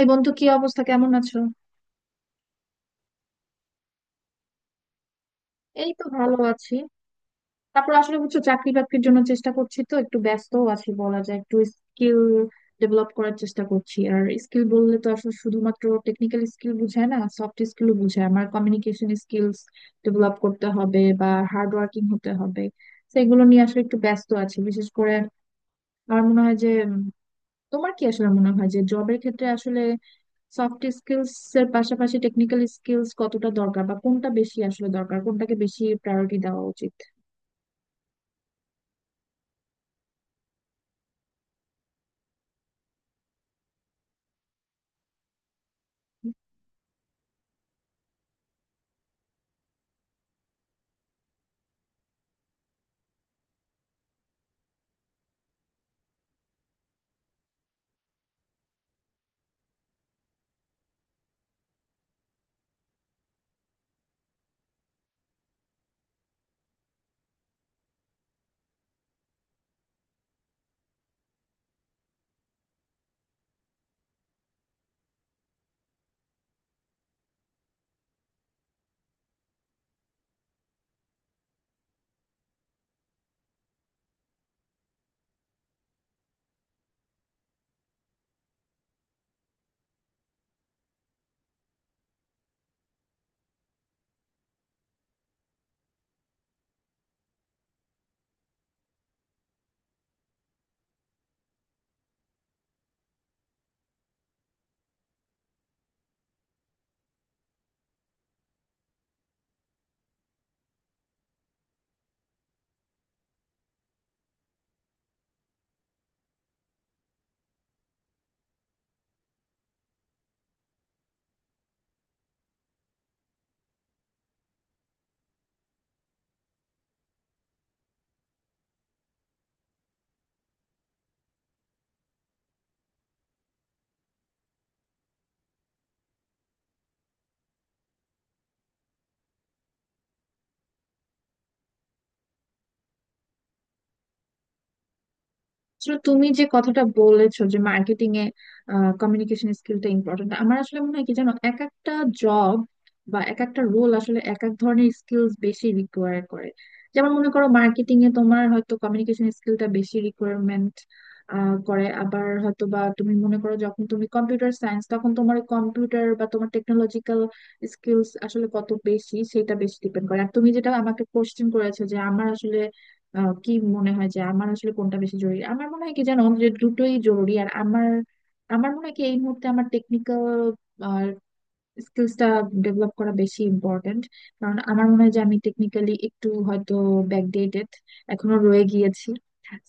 এই বন্ধু, কি অবস্থা? কেমন আছো? এই তো ভালো আছি। তারপর আসলে বুঝছো, চাকরি বাকরির জন্য চেষ্টা করছি, তো একটু ব্যস্ত আছি বলা যায়। একটু স্কিল ডেভেলপ করার চেষ্টা করছি। আর স্কিল বললে তো আসলে শুধুমাত্র টেকনিক্যাল স্কিল বুঝায় না, সফট স্কিলও বুঝায়। আমার কমিউনিকেশন স্কিলস ডেভেলপ করতে হবে বা হার্ড ওয়ার্কিং হতে হবে। সেগুলো নিয়ে আসলে একটু ব্যস্ত আছি। বিশেষ করে আমার মনে হয় যে তোমার কি আসলে মনে হয় যে জবের ক্ষেত্রে আসলে সফট স্কিলস এর পাশাপাশি টেকনিক্যাল স্কিলস কতটা দরকার? বা কোনটা বেশি আসলে দরকার, কোনটাকে বেশি প্রায়োরিটি দেওয়া উচিত? আসলে তুমি যে কথাটা বলেছো যে মার্কেটিং এ কমিউনিকেশন স্কিলটা ইম্পর্টেন্ট, আমার আসলে মনে হয় কি জানো, এক একটা জব বা এক একটা রোল আসলে এক এক ধরনের স্কিলস বেশি রিকোয়ার করে। যেমন মনে করো মার্কেটিং এ তোমার হয়তো কমিউনিকেশন স্কিলটা বেশি রিকোয়ারমেন্ট করে, আবার হয়তো বা তুমি মনে করো যখন তুমি কম্পিউটার সায়েন্স, তখন তোমার কম্পিউটার বা তোমার টেকনোলজিক্যাল স্কিলস আসলে কত বেশি সেটা বেশি ডিপেন্ড করে। আর তুমি যেটা আমাকে কোশ্চেন করেছো যে আমার আসলে কি মনে হয় যে আমার আসলে কোনটা বেশি জরুরি, আমার মনে হয় কি জানো, যে দুটোই জরুরি। আর আমার আমার মনে হয় কি, এই মুহূর্তে আমার টেকনিক্যাল স্কিলসটা ডেভেলপ করা বেশি ইম্পর্ট্যান্ট। কারণ আমার মনে হয় যে আমি টেকনিক্যালি একটু হয়তো ব্যাকডেটেড এখনো রয়ে গিয়েছি।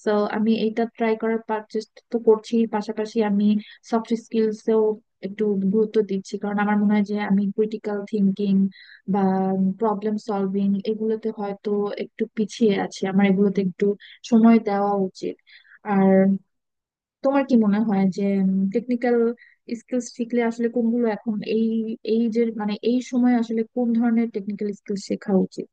তো আমি এইটা চেষ্টা তো করছি। পাশাপাশি আমি সফট স্কিলসেও একটু গুরুত্ব দিচ্ছি, কারণ আমার মনে হয় যে আমি ক্রিটিক্যাল থিঙ্কিং বা প্রবলেম সলভিং এগুলোতে হয়তো একটু পিছিয়ে আছি। আমার এগুলোতে একটু সময় দেওয়া উচিত। আর তোমার কি মনে হয় যে টেকনিক্যাল স্কিলস শিখলে আসলে কোনগুলো এখন এই এই যে মানে এই সময় আসলে কোন ধরনের টেকনিক্যাল স্কিল শেখা উচিত?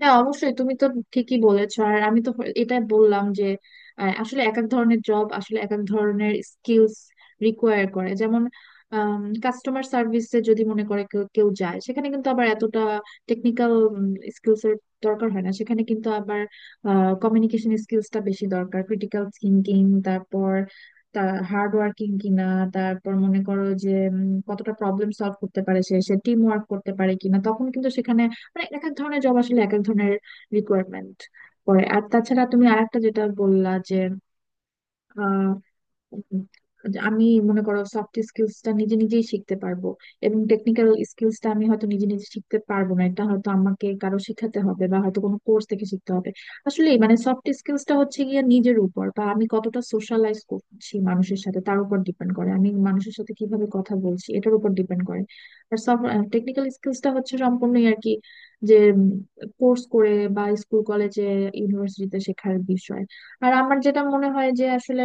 হ্যাঁ অবশ্যই, তুমি তো ঠিকই বলেছো। আর আমি তো এটা বললাম যে আসলে এক এক ধরনের জব আসলে এক এক ধরনের স্কিলস রিকোয়ার করে। যেমন কাস্টমার সার্ভিসে যদি মনে করে কেউ কেউ যায়, সেখানে কিন্তু আবার এতটা টেকনিক্যাল স্কিলস এর দরকার হয় না। সেখানে কিন্তু আবার কমিউনিকেশন স্কিলসটা বেশি দরকার, ক্রিটিক্যাল থিঙ্কিং, তারপর তার হার্ড ওয়ার্কিং কিনা, তারপর মনে করো যে কতটা প্রবলেম সলভ করতে পারে সে, টিম ওয়ার্ক করতে পারে কিনা, তখন কিন্তু সেখানে মানে এক এক ধরনের জব আসলে এক এক ধরনের রিকোয়ারমেন্ট পড়ে। আর তাছাড়া তুমি আরেকটা যেটা বললা যে উম, যে আমি, মনে করো, সফট স্কিলসটা নিজে নিজেই শিখতে পারবো, এবং টেকনিক্যাল স্কিলসটা আমি হয়তো নিজে নিজে শিখতে পারবো না, এটা হয়তো আমাকে কারো শিখাতে হবে বা হয়তো কোনো কোর্স থেকে শিখতে হবে। আসলে মানে সফট স্কিলসটা হচ্ছে গিয়ে নিজের উপর, বা আমি কতটা সোশ্যালাইজ করছি মানুষের সাথে তার উপর ডিপেন্ড করে, আমি মানুষের সাথে কিভাবে কথা বলছি এটার উপর ডিপেন্ড করে। আর টেকনিক্যাল স্কিলসটা হচ্ছে সম্পূর্ণই আর কি, যে কোর্স করে বা স্কুল কলেজে ইউনিভার্সিটিতে শেখার বিষয়। আর আমার যেটা মনে হয় যে আসলে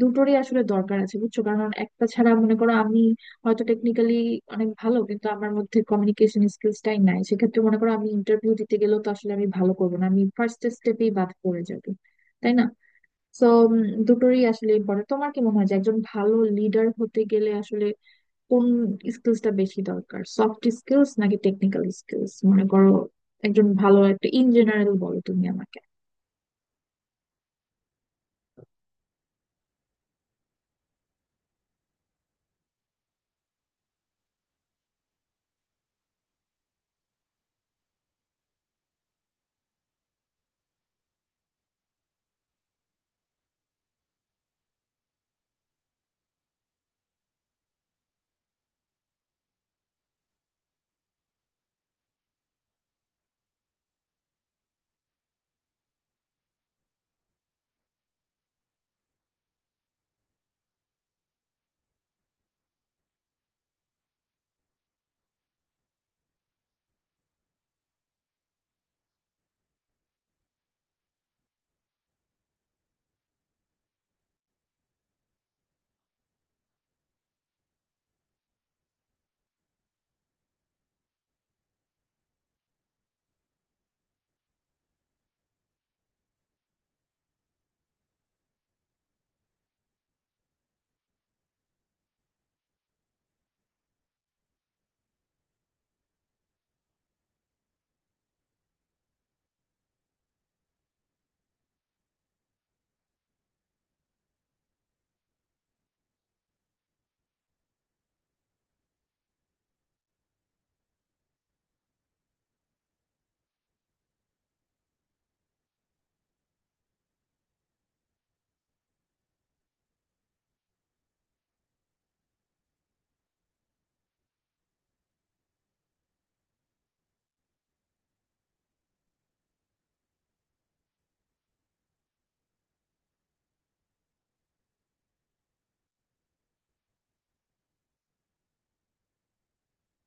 দুটোরই আসলে দরকার আছে বুঝছো। কারণ একটা ছাড়া, মনে করো আমি হয়তো টেকনিক্যালি অনেক ভালো, কিন্তু আমার মধ্যে কমিউনিকেশন স্কিলসটাই নাই, সেক্ষেত্রে মনে করো আমি ইন্টারভিউ দিতে গেলেও তো আসলে আমি ভালো করবো না, আমি ফার্স্ট স্টেপেই বাদ পড়ে যাবে, তাই না? তো দুটোরই আসলে ইম্পর্টেন্ট। তোমার কি মনে হয় যে একজন ভালো লিডার হতে গেলে আসলে কোন স্কিলসটা বেশি দরকার, সফট স্কিলস নাকি টেকনিক্যাল স্কিলস? মনে করো একজন ভালো একটা, ইন জেনারেল বলো তুমি আমাকে।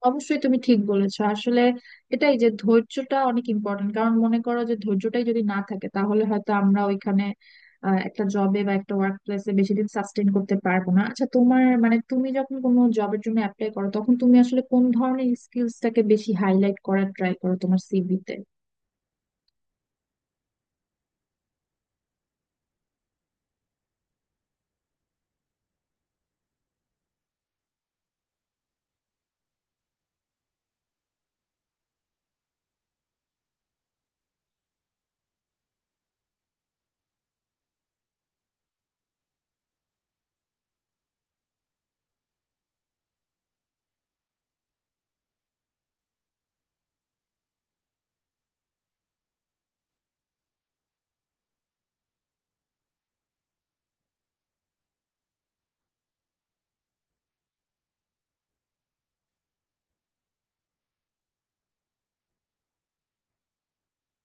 অবশ্যই তুমি ঠিক বলেছো। আসলে এটাই যে ধৈর্যটা অনেক ইম্পর্টেন্ট, কারণ মনে করো যে ধৈর্যটাই যদি না থাকে তাহলে হয়তো আমরা ওইখানে একটা জবে বা একটা ওয়ার্ক প্লেসে বেশি দিন সাস্টেন করতে পারবো না। আচ্ছা তোমার মানে তুমি যখন কোনো জবের জন্য অ্যাপ্লাই করো, তখন তুমি আসলে কোন ধরনের স্কিলসটাকে বেশি হাইলাইট করার ট্রাই করো তোমার সিভিতে?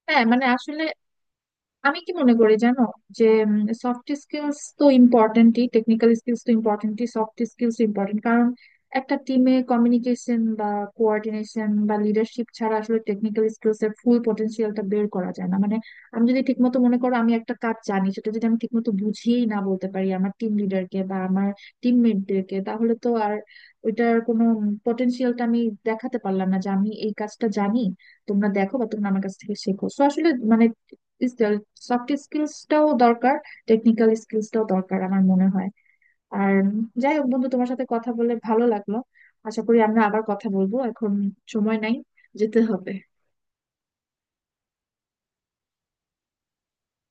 হ্যাঁ মানে আসলে আমি কি মনে করি জানো, যে সফট স্কিলস তো ইম্পর্টেন্টই, টেকনিক্যাল স্কিলস তো ইম্পর্টেন্টই। সফট স্কিলস ইম্পর্টেন্ট কারণ একটা টিমে কমিউনিকেশন বা কোঅর্ডিনেশন বা লিডারশিপ ছাড়া আসলে টেকনিক্যাল স্কিলস এর ফুল পটেনশিয়ালটা বের করা যায় না। মানে আমি যদি ঠিকমতো, মনে করো আমি একটা কাজ জানি, সেটা যদি আমি ঠিকমতো বুঝিয়েই না বলতে পারি আমার টিম লিডারকে বা আমার টিমমেটদেরকে, তাহলে তো আর ওইটার কোনো পটেনশিয়ালটা আমি দেখাতে পারলাম না যে আমি এই কাজটা জানি, তোমরা দেখো বা তোমরা আমার কাছ থেকে শেখো। তো আসলে মানে স্কিল সফট স্কিলসটাও দরকার, টেকনিক্যাল স্কিলসটাও দরকার আমার মনে হয়। আর যাই হোক বন্ধু, তোমার সাথে কথা বলে ভালো লাগলো। আশা করি আমরা আবার কথা বলবো। এখন সময় নাই, যেতে হবে।